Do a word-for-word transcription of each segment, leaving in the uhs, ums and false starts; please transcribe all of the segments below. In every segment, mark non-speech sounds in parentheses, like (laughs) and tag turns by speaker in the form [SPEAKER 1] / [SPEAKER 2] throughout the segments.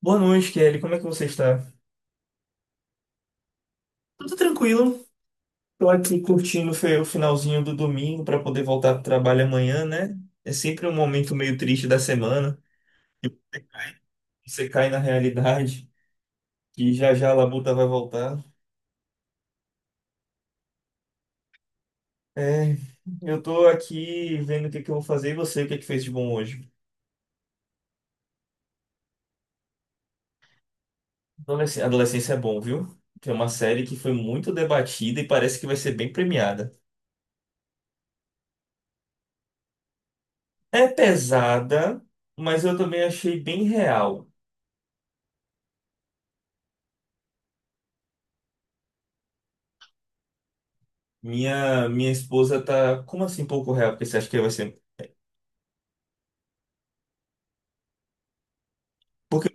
[SPEAKER 1] Boa noite, Kelly. Como é que você está? Tudo tranquilo. Tô aqui curtindo fe- o finalzinho do domingo para poder voltar para o trabalho amanhã, né? É sempre um momento meio triste da semana. Você cai na realidade que já já a labuta vai voltar. É, eu tô aqui vendo o que que eu vou fazer e você, o que é que fez de bom hoje? Adolesc- Adolescência é bom, viu? Tem uma série que foi muito debatida e parece que vai ser bem premiada. É pesada, mas eu também achei bem real. Minha, minha esposa tá. Como assim pouco real? Porque você acha que vai ser. Por que,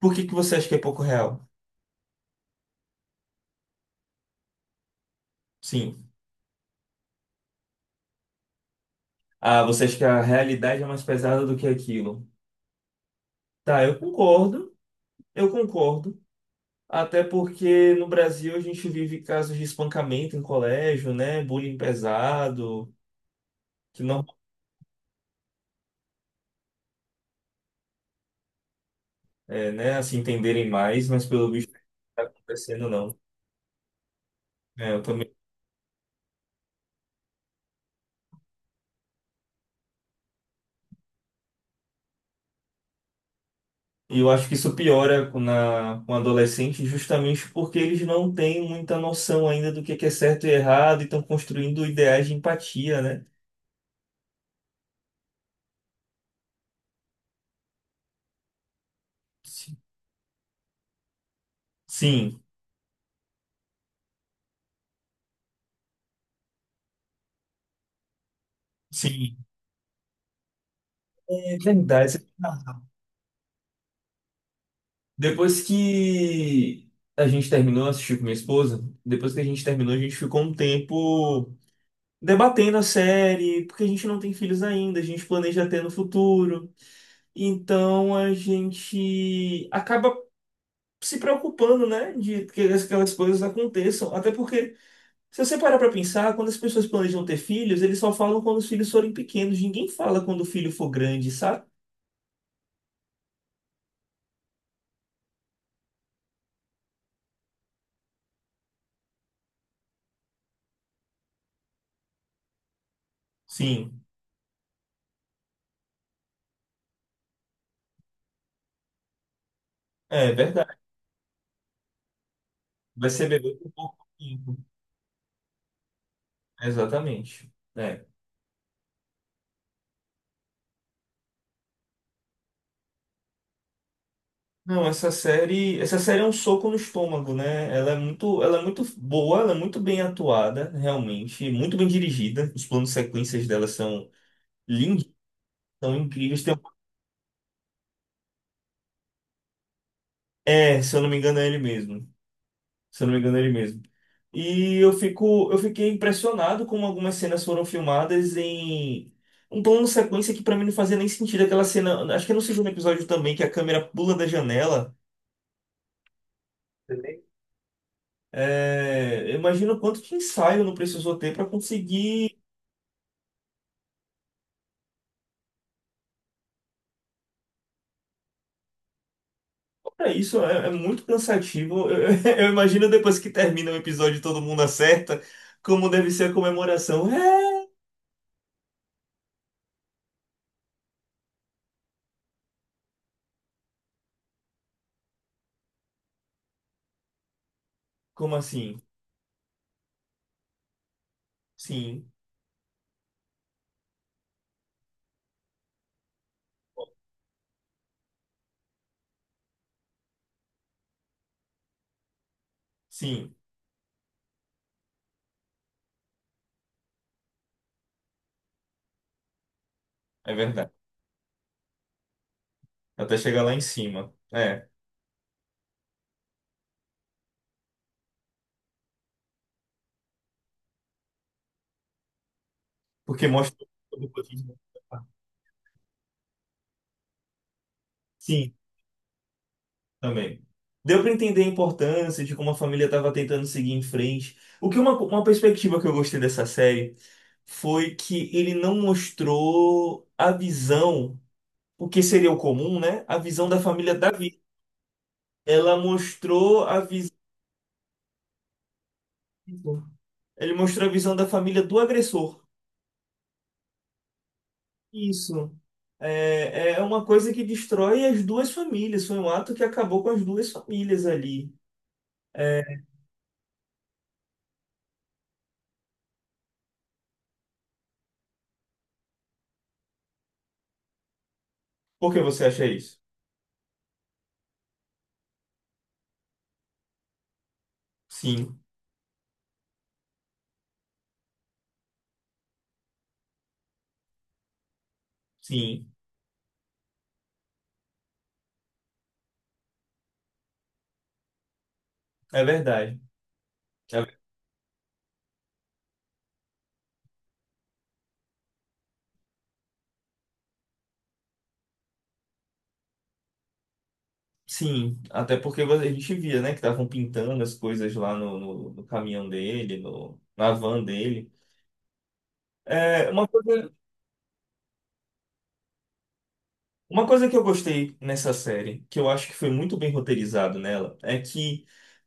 [SPEAKER 1] por que que você acha que é pouco real? Sim. Ah, você acha que a realidade é mais pesada do que aquilo? Tá, eu concordo. Eu concordo. Até porque no Brasil a gente vive casos de espancamento em colégio, né? Bullying pesado, que não é, né? Assim entenderem mais, mas pelo visto não tá acontecendo, não. É, eu também. E eu acho que isso piora com, na, com adolescente justamente porque eles não têm muita noção ainda do que é que é certo e errado e estão construindo ideais de empatia, né? Sim, sim, sim. É verdade. Depois que a gente terminou, eu assisti com minha esposa, depois que a gente terminou, a gente ficou um tempo debatendo a série, porque a gente não tem filhos ainda, a gente planeja ter no futuro. Então a gente acaba se preocupando, né, de que aquelas coisas aconteçam. Até porque, se você parar para pensar, quando as pessoas planejam ter filhos, eles só falam quando os filhos forem pequenos. Ninguém fala quando o filho for grande, sabe? Sim, é verdade. Vai ser bebê por pouco tempo. Exatamente. É. Não, essa série, essa série é um soco no estômago, né? Ela é muito, ela é muito boa, ela é muito bem atuada, realmente, muito bem dirigida. Os planos sequências dela são lindos, são incríveis. Tem- um- É, se eu não me engano, é ele mesmo. Se eu não me engano, ele mesmo. E eu fico, eu fiquei impressionado como algumas cenas foram filmadas em um plano sequência que pra mim não fazia nem sentido aquela cena. Acho que é no segundo episódio também, que a câmera pula da janela. Também. É, eu imagino quanto de ensaio não precisou ter para conseguir. Olha, isso é, é muito cansativo. (laughs) Eu, eu imagino depois que termina o episódio e todo mundo acerta, como deve ser a comemoração. É, como assim? Sim, sim, é verdade. Até chegar lá em cima. É. Porque mostra sobre o cotidiano. Sim, também. Deu para entender a importância de como a família estava tentando seguir em frente. O que uma, uma perspectiva que eu gostei dessa série foi que ele não mostrou a visão, o que seria o comum, né? A visão da família da vítima. Ela mostrou a visão. Ele mostrou a visão da família do agressor. Isso. É, é uma coisa que destrói as duas famílias. Foi um ato que acabou com as duas famílias ali. É, por que você acha isso? Sim, sim, é verdade. É ver- sim, até porque vo- a gente via, né, que estavam pintando as coisas lá no, no, no caminhão dele, no, na van dele. É, uma coisa, uma coisa que eu gostei nessa série, que eu acho que foi muito bem roteirizado nela, é que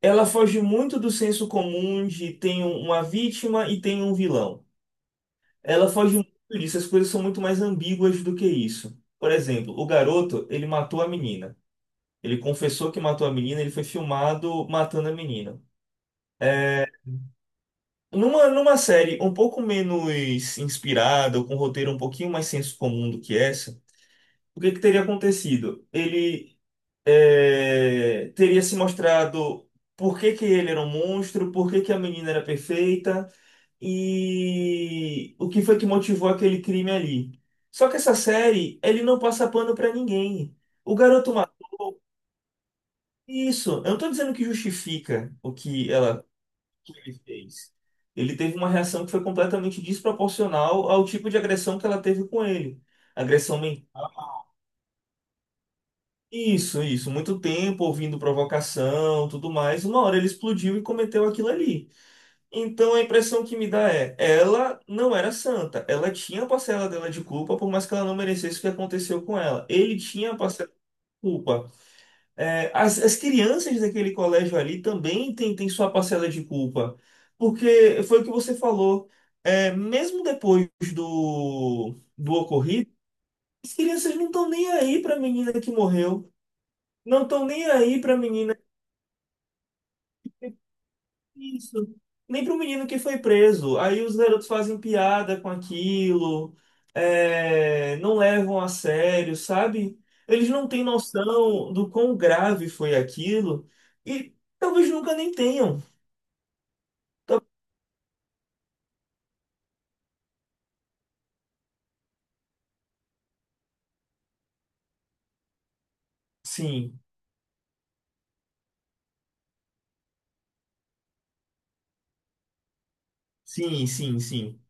[SPEAKER 1] ela foge muito do senso comum de tem um- uma vítima e tem um vilão. Ela foge muito disso, as coisas são muito mais ambíguas do que isso. Por exemplo, o garoto, ele matou a menina. Ele confessou que matou a menina, ele foi filmado matando a menina. Numa, numa série um pouco menos inspirada, ou com um roteiro um pouquinho mais senso comum do que essa, o que que teria acontecido? Ele é, teria se mostrado por que que ele era um monstro, por que que a menina era perfeita e o que foi que motivou aquele crime ali. Só que essa série, ele não passa pano pra ninguém. O garoto matou. Isso, eu não tô dizendo que justifica o que ela que ele fez. Ele teve uma reação que foi completamente desproporcional ao tipo de agressão que ela teve com ele. Agressão mental. Isso, isso. Muito tempo ouvindo provocação, tudo mais. Uma hora ele explodiu e cometeu aquilo ali. Então a impressão que me dá é, ela não era santa. Ela tinha a parcela dela de culpa, por mais que ela não merecesse o que aconteceu com ela. Ele tinha a parcela de culpa. É, as, as crianças daquele colégio ali também têm têm sua parcela de culpa, porque foi o que você falou, é, mesmo depois do, do ocorrido, as crianças não estão nem aí para a menina que morreu, não estão nem aí para a menina isso, nem para o menino que foi preso. Aí os garotos fazem piada com aquilo, é, não levam a sério, sabe? Eles não têm noção do quão grave foi aquilo e talvez nunca nem tenham. Tá- Sim, sim, sim, sim.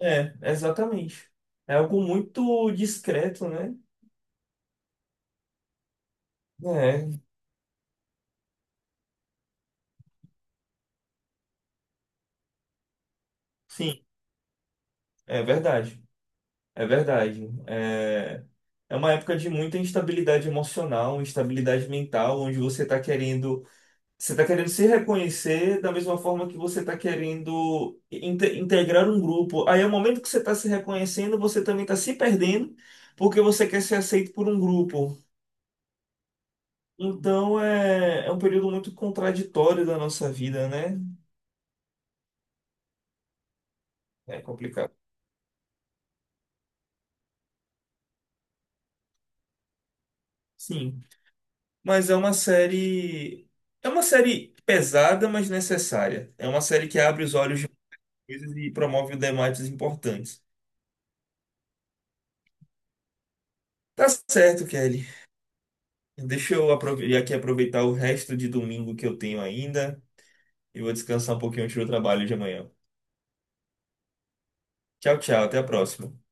[SPEAKER 1] É, exatamente. É algo muito discreto, né? É, sim, é verdade. É verdade. É, é uma época de muita instabilidade emocional, instabilidade mental, onde você está querendo, você está querendo se reconhecer da mesma forma que você está querendo inte- integrar um grupo. Aí, ao momento que você está se reconhecendo, você também está se perdendo, porque você quer ser aceito por um grupo. Então é, é um período muito contraditório da nossa vida, né? É complicado. Sim, mas é uma série. É uma série pesada, mas necessária. É uma série que abre os olhos de coisas e promove debates importantes. Tá certo, Kelly. Deixa eu aprove- aqui aproveitar o resto de domingo que eu tenho ainda e vou descansar um pouquinho antes do trabalho de amanhã. Tchau, tchau. Até a próxima.